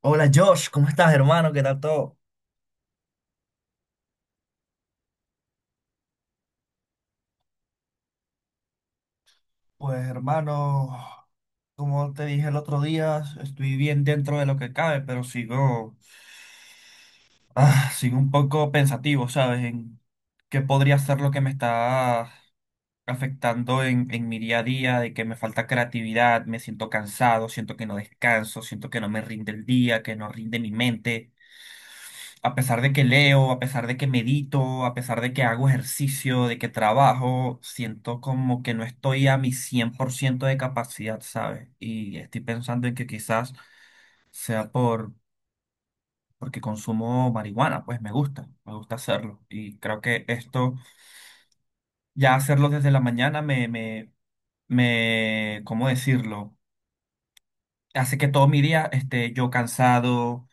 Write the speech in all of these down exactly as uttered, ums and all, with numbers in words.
Hola Josh, ¿cómo estás, hermano? ¿Qué tal todo? Pues hermano, como te dije el otro día, estoy bien dentro de lo que cabe, pero sigo, ah, sigo un poco pensativo, ¿sabes? En qué podría ser lo que me está afectando en, en mi día a día, de que me falta creatividad, me siento cansado, siento que no descanso, siento que no me rinde el día, que no rinde mi mente. A pesar de que leo, a pesar de que medito, a pesar de que hago ejercicio, de que trabajo, siento como que no estoy a mi cien por ciento de capacidad, ¿sabes? Y estoy pensando en que quizás sea por, porque consumo marihuana, pues me gusta, me gusta hacerlo. Y creo que esto, ya hacerlo desde la mañana, me, me, me, ¿cómo decirlo? Hace que todo mi día esté yo cansado,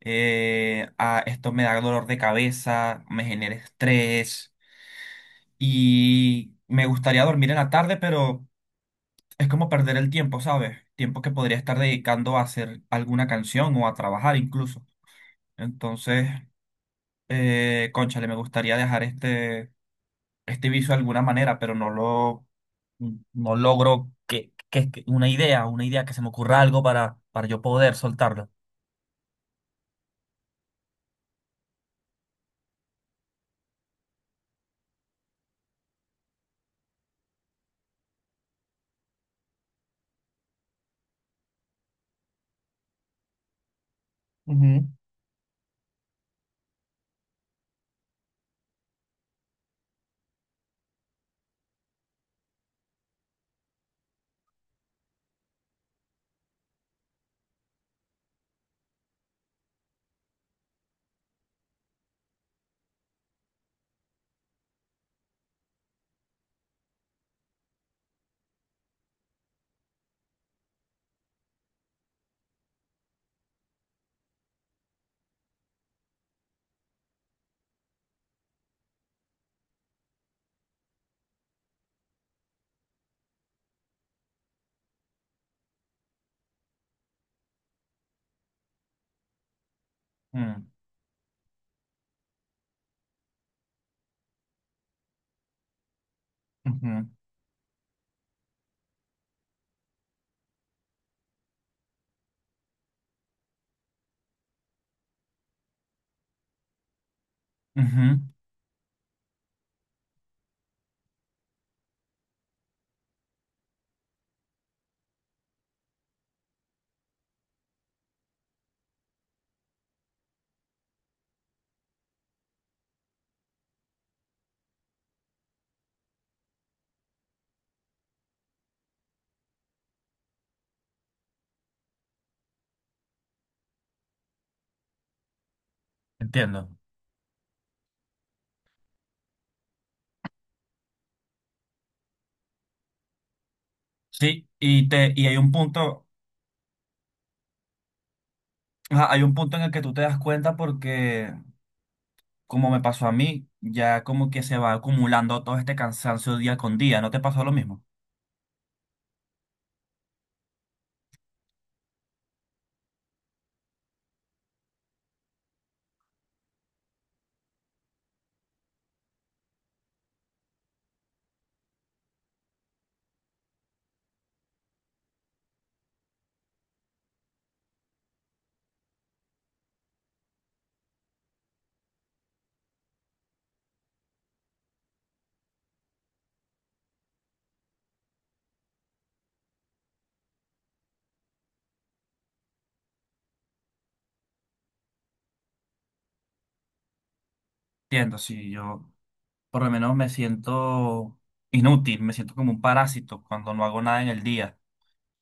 eh, ah, esto me da dolor de cabeza, me genera estrés. Y me gustaría dormir en la tarde, pero es como perder el tiempo, ¿sabes? Tiempo que podría estar dedicando a hacer alguna canción o a trabajar incluso. Entonces, eh, cónchale, me gustaría dejar este, este vicio de alguna manera, pero no lo, no logro que, que, que una idea, una idea que se me ocurra algo para, para yo poder soltarlo. Ujú. Mm, ujú, ujú. Entiendo. Sí, y te, y hay un punto, ajá, hay un punto en el que tú te das cuenta porque como me pasó a mí, ya como que se va acumulando todo este cansancio día con día. ¿No te pasó lo mismo? Entiendo, si yo por lo menos me siento inútil, me siento como un parásito cuando no hago nada en el día.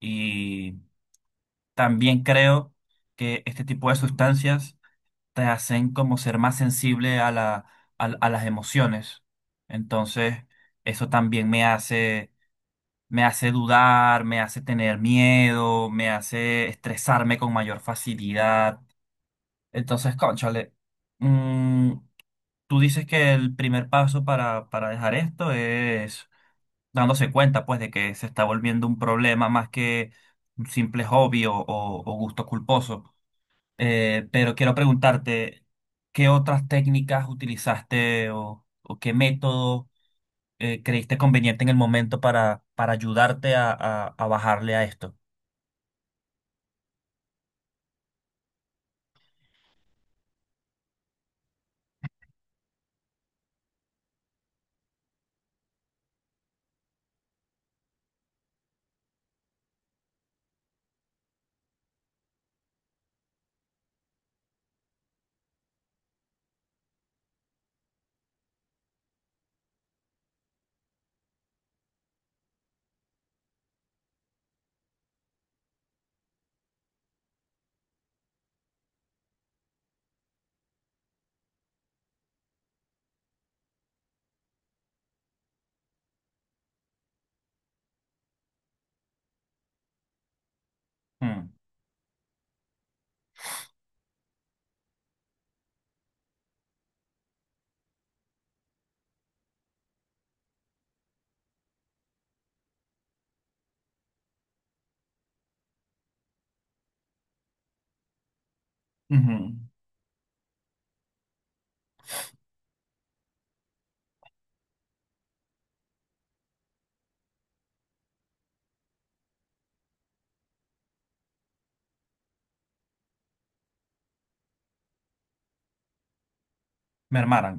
Y también creo que este tipo de sustancias te hacen como ser más sensible a la, a, a las emociones. Entonces, eso también me hace, me hace dudar, me hace tener miedo, me hace estresarme con mayor facilidad. Entonces, cónchale, mm, tú dices que el primer paso para, para dejar esto es dándose cuenta, pues, de que se está volviendo un problema más que un simple hobby o, o- o gusto culposo. Eh, pero quiero preguntarte, ¿qué otras técnicas utilizaste o, o qué método eh, creíste conveniente en el momento para, para ayudarte a, a- a bajarle a esto? Mm, ujú. Mermaran.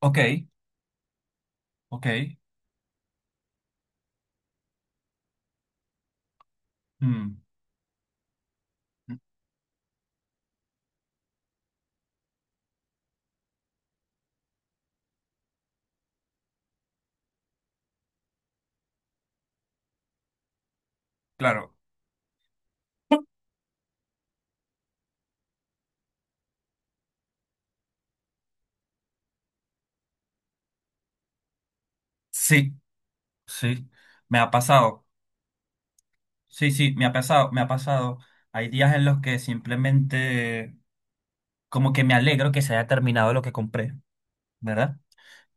Ok, ok. Mm. Claro, sí. Sí, me ha pasado. Sí, sí, me ha pasado, me ha pasado. Hay días en los que simplemente como que me alegro que se haya terminado lo que compré, ¿verdad?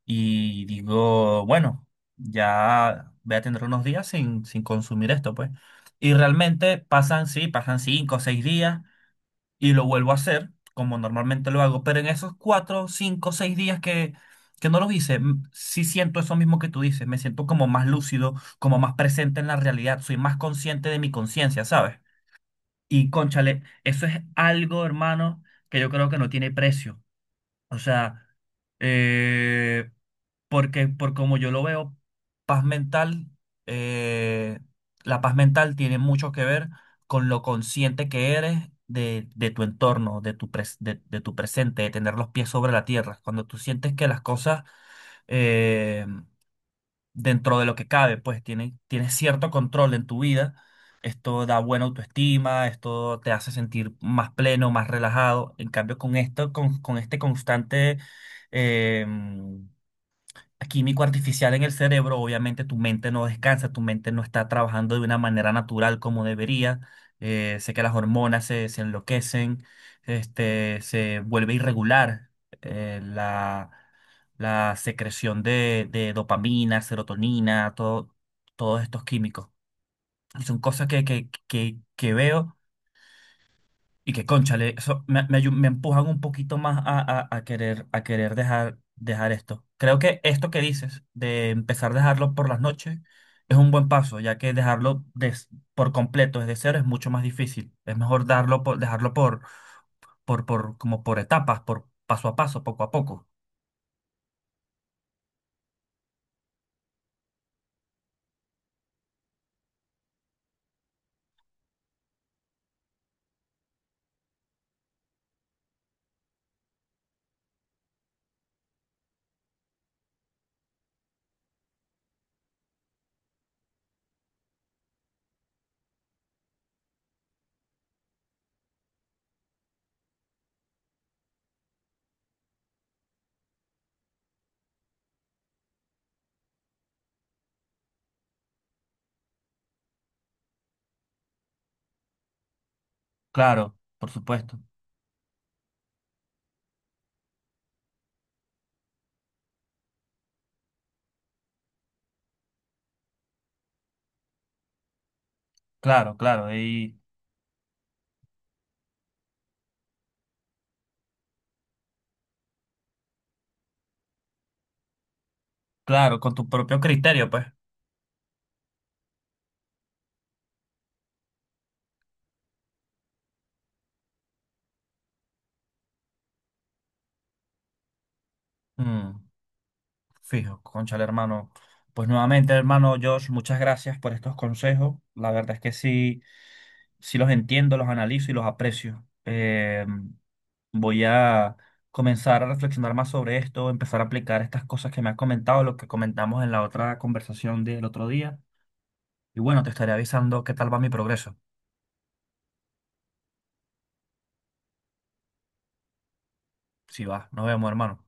Y digo, bueno, ya voy a tener unos días sin, sin consumir esto, pues. Y realmente pasan, sí, pasan cinco o seis días y lo vuelvo a hacer, como normalmente lo hago, pero en esos cuatro, cinco, seis días que, que no los hice, m- sí siento eso mismo que tú dices, me siento como más lúcido, como más presente en la realidad, soy más consciente de mi conciencia, ¿sabes? Y cónchale, eso es algo, hermano, que yo creo que no tiene precio. O sea, eh, porque por como yo lo veo, paz mental, eh, la paz mental tiene mucho que ver con lo consciente que eres de, de tu entorno, de tu, pres- de, de tu presente, de tener los pies sobre la tierra. Cuando tú sientes que las cosas eh, dentro de lo que cabe, pues tiene- tienes cierto control en tu vida. Esto da buena autoestima, esto te hace sentir más pleno, más relajado. En cambio, con esto, con, con este constante em, químico artificial en el cerebro, obviamente tu mente no descansa, tu mente no está trabajando de una manera natural como debería. eh, sé que las hormonas se, se enloquecen, este, se vuelve irregular eh, la, la secreción de, de dopamina, serotonina, todo, todos estos químicos. Y son cosas que, que, que, que veo. Y que, cónchale, eso me, me, ayu- me empujan un poquito más a, a- a querer, a querer dejar, dejar esto. Creo que esto que dices de empezar a dejarlo por las noches es un buen paso, ya que dejarlo des- por completo desde cero es mucho más difícil. Es mejor darlo por, dejarlo por, por, por, como por etapas, por paso a paso, poco a poco. Claro, por supuesto. Claro, claro. Y claro, con tu propio criterio, pues. Mm. Fijo, conchale, hermano. Pues nuevamente, hermano Josh, muchas gracias por estos consejos. La verdad es que sí, sí los entiendo, los analizo y los aprecio. Eh, voy a comenzar a reflexionar más sobre esto, empezar a aplicar estas cosas que me has comentado, lo que comentamos en la otra conversación del otro día. Y bueno, te estaré avisando qué tal va mi progreso. Si va, nos vemos, hermano.